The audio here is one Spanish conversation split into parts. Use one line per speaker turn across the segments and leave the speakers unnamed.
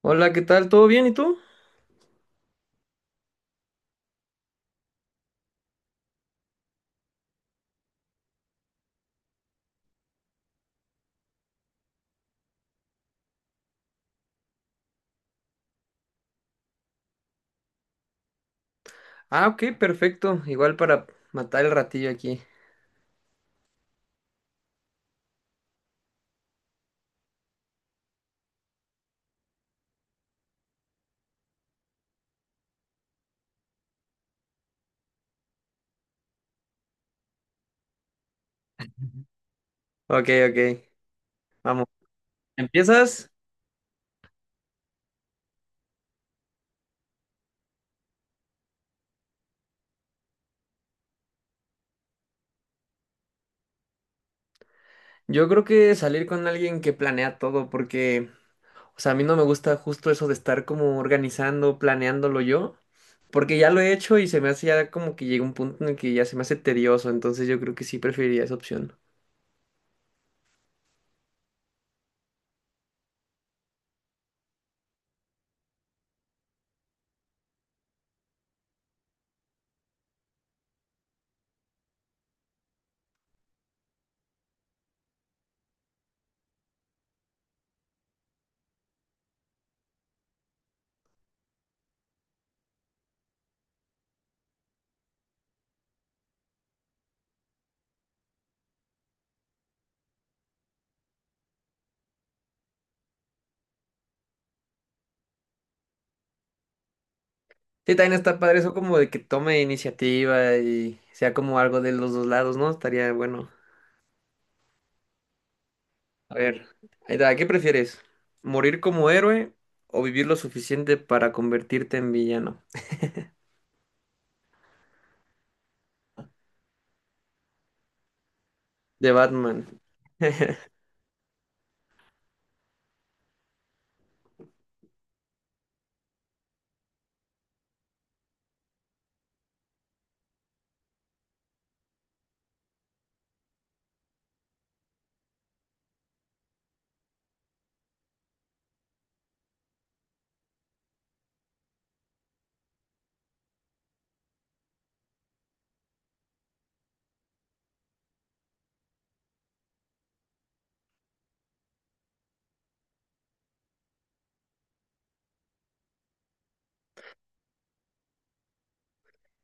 Hola, ¿qué tal? ¿Todo bien? ¿Y tú? Ah, ok, perfecto. Igual para matar el ratillo aquí. Ok, ok. Vamos. ¿Empiezas? Yo creo que salir con alguien que planea todo, porque, o sea, a mí no me gusta justo eso de estar como organizando, planeándolo yo, porque ya lo he hecho y se me hace ya como que llega un punto en el que ya se me hace tedioso, entonces yo creo que sí preferiría esa opción. Sí, también está padre eso como de que tome iniciativa y sea como algo de los dos lados, ¿no? Estaría bueno. A ver, ahí está, ¿qué prefieres? ¿Morir como héroe o vivir lo suficiente para convertirte en villano? De Batman.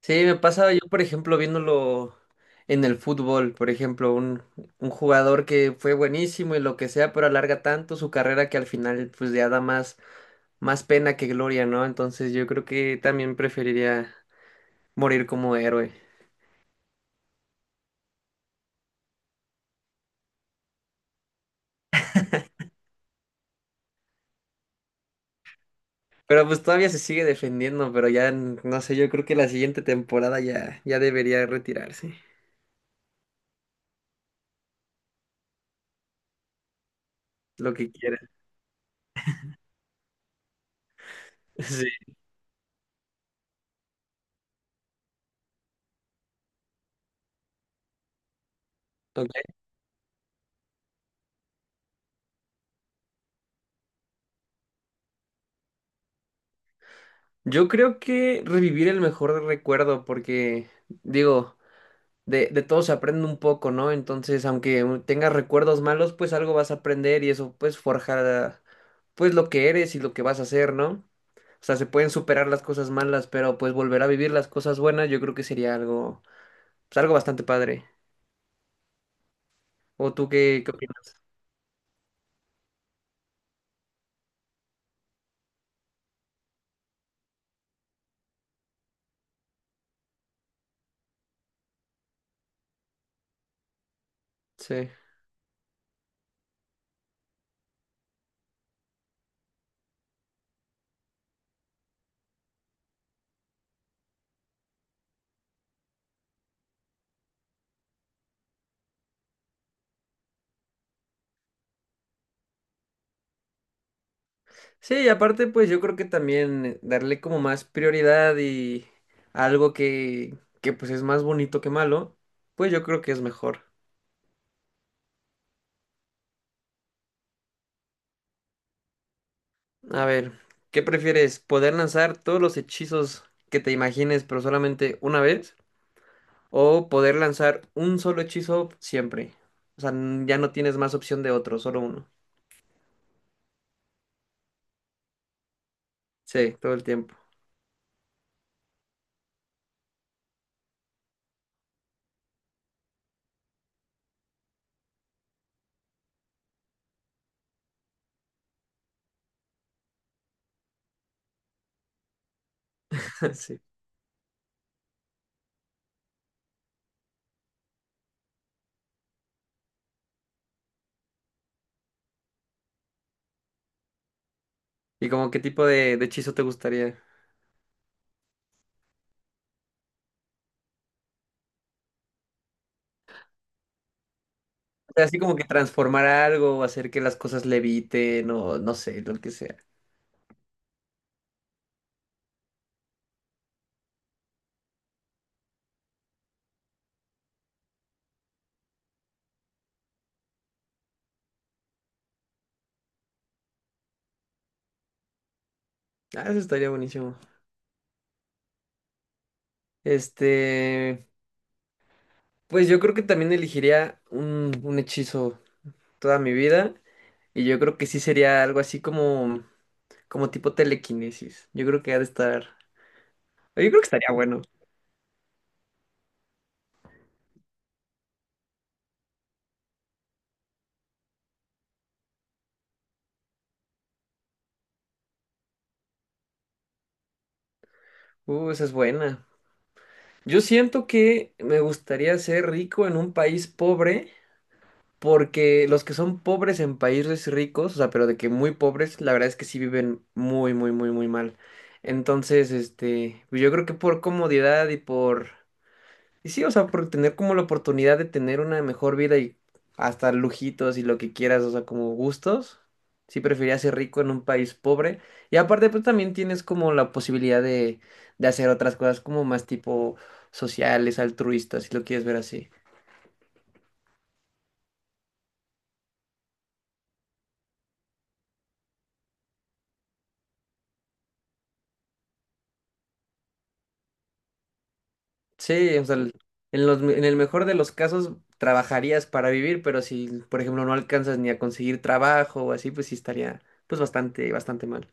Sí, me pasa yo, por ejemplo, viéndolo en el fútbol, por ejemplo, un jugador que fue buenísimo y lo que sea, pero alarga tanto su carrera que al final pues ya da más, más pena que gloria, ¿no? Entonces yo creo que también preferiría morir como héroe. Pero pues todavía se sigue defendiendo, pero ya, no sé, yo creo que la siguiente temporada ya, ya debería retirarse. Lo que quieras. Sí. Ok. Yo creo que revivir el mejor recuerdo, porque digo, de todo se aprende un poco, ¿no? Entonces, aunque tengas recuerdos malos, pues algo vas a aprender y eso pues forjará pues lo que eres y lo que vas a hacer, ¿no? O sea, se pueden superar las cosas malas, pero pues volver a vivir las cosas buenas, yo creo que sería algo, pues algo bastante padre. ¿O tú qué, qué opinas? Sí. Sí, y aparte, pues yo creo que también darle como más prioridad y algo que pues es más bonito que malo, pues yo creo que es mejor. A ver, ¿qué prefieres? ¿Poder lanzar todos los hechizos que te imagines, pero solamente una vez? ¿O poder lanzar un solo hechizo siempre? O sea, ya no tienes más opción de otro, solo uno. Sí, todo el tiempo. Sí. ¿Y como qué tipo de hechizo te gustaría? O sea, así como que transformar algo, o hacer que las cosas leviten, o no sé, lo que sea. Ah, eso estaría buenísimo. Este, pues yo creo que también elegiría un hechizo toda mi vida y yo creo que sí sería algo así como, como tipo telequinesis. Yo creo que ha de estar, yo creo que estaría bueno. Esa es buena. Yo siento que me gustaría ser rico en un país pobre porque los que son pobres en países ricos, o sea, pero de que muy pobres, la verdad es que sí viven muy, muy, muy, muy mal. Entonces, este, pues yo creo que por comodidad y por... Y sí, o sea, por tener como la oportunidad de tener una mejor vida y hasta lujitos y lo que quieras, o sea, como gustos. Sí, preferiría ser rico en un país pobre. Y aparte, pues también tienes como la posibilidad de hacer otras cosas como más tipo sociales, altruistas, si lo quieres ver así. Sí, o sea, en los, en el mejor de los casos trabajarías para vivir, pero si, por ejemplo, no alcanzas ni a conseguir trabajo o así, pues sí estaría pues bastante, bastante mal.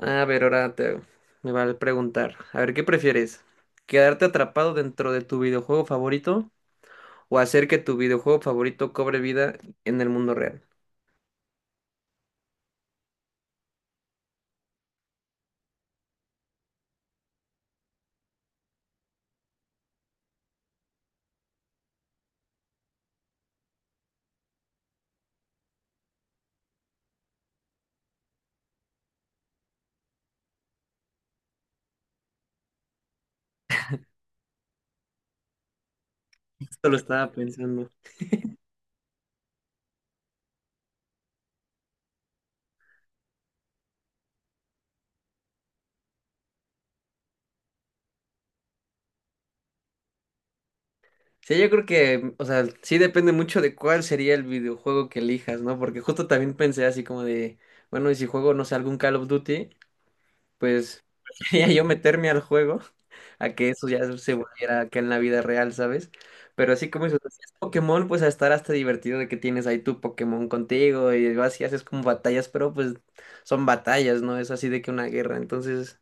A ver, me va a preguntar. A ver, ¿qué prefieres? ¿Quedarte atrapado dentro de tu videojuego favorito o hacer que tu videojuego favorito cobre vida en el mundo real? Esto lo estaba pensando. Sí, yo creo que, o sea, sí depende mucho de cuál sería el videojuego que elijas, ¿no? Porque justo también pensé así como de, bueno, y si juego, no sé, algún Call of Duty, pues quería yo meterme al juego a que eso ya se volviera acá en la vida real, ¿sabes? Pero así como dices, si es Pokémon, pues a estar hasta divertido de que tienes ahí tu Pokémon contigo y vas y haces como batallas, pero pues son batallas, ¿no? Es así de que una guerra. Entonces,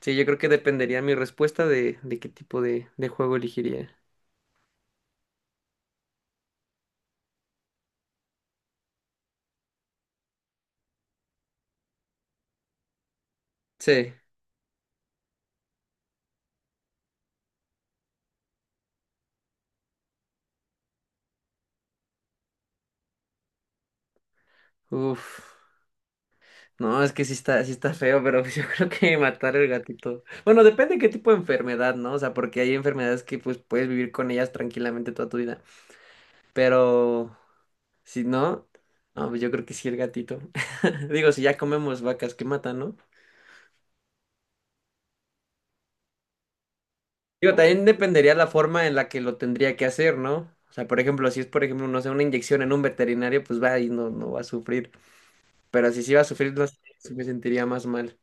sí, yo creo que dependería mi respuesta de, qué tipo de juego elegiría. Sí, uff. No, es que sí está feo, pero pues yo creo que matar el gatito. Bueno, depende qué tipo de enfermedad, ¿no? O sea, porque hay enfermedades que pues puedes vivir con ellas tranquilamente toda tu vida. Pero si no, no, pues yo creo que sí el gatito. Digo, si ya comemos vacas que matan, ¿no? Digo, también dependería la forma en la que lo tendría que hacer, ¿no? O sea, por ejemplo, si es, por ejemplo, no sé, una inyección en un veterinario, pues va y no, no va a sufrir. Pero si sí va a sufrir, no sé, sí me sentiría más mal.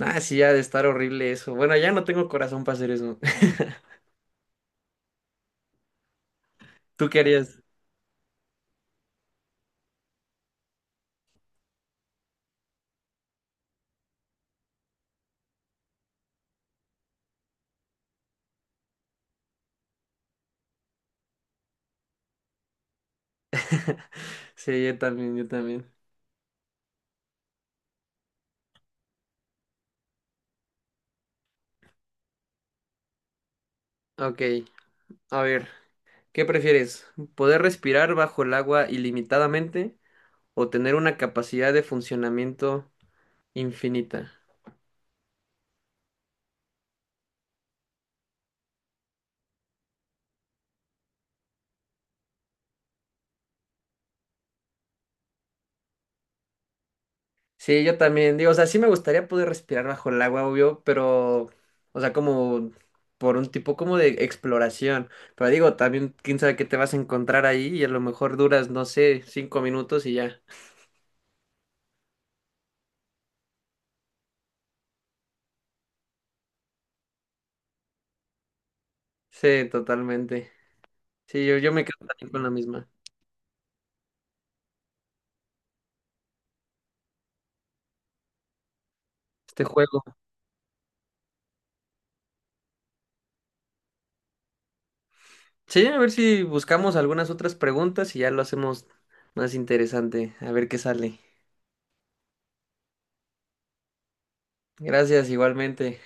Ah, sí, ha de estar horrible eso. Bueno, ya no tengo corazón para hacer eso. ¿Tú qué harías? Sí, yo también, yo también. Ok, a ver, ¿qué prefieres? ¿Poder respirar bajo el agua ilimitadamente o tener una capacidad de funcionamiento infinita? Sí, yo también, digo, o sea, sí me gustaría poder respirar bajo el agua, obvio, pero, o sea, como por un tipo como de exploración. Pero digo, también, quién sabe qué te vas a encontrar ahí y a lo mejor duras, no sé, 5 minutos y ya. Sí, totalmente. Sí, yo me quedo también con la misma. Este juego. Sí, a ver si buscamos algunas otras preguntas y ya lo hacemos más interesante. A ver qué sale. Gracias, igualmente.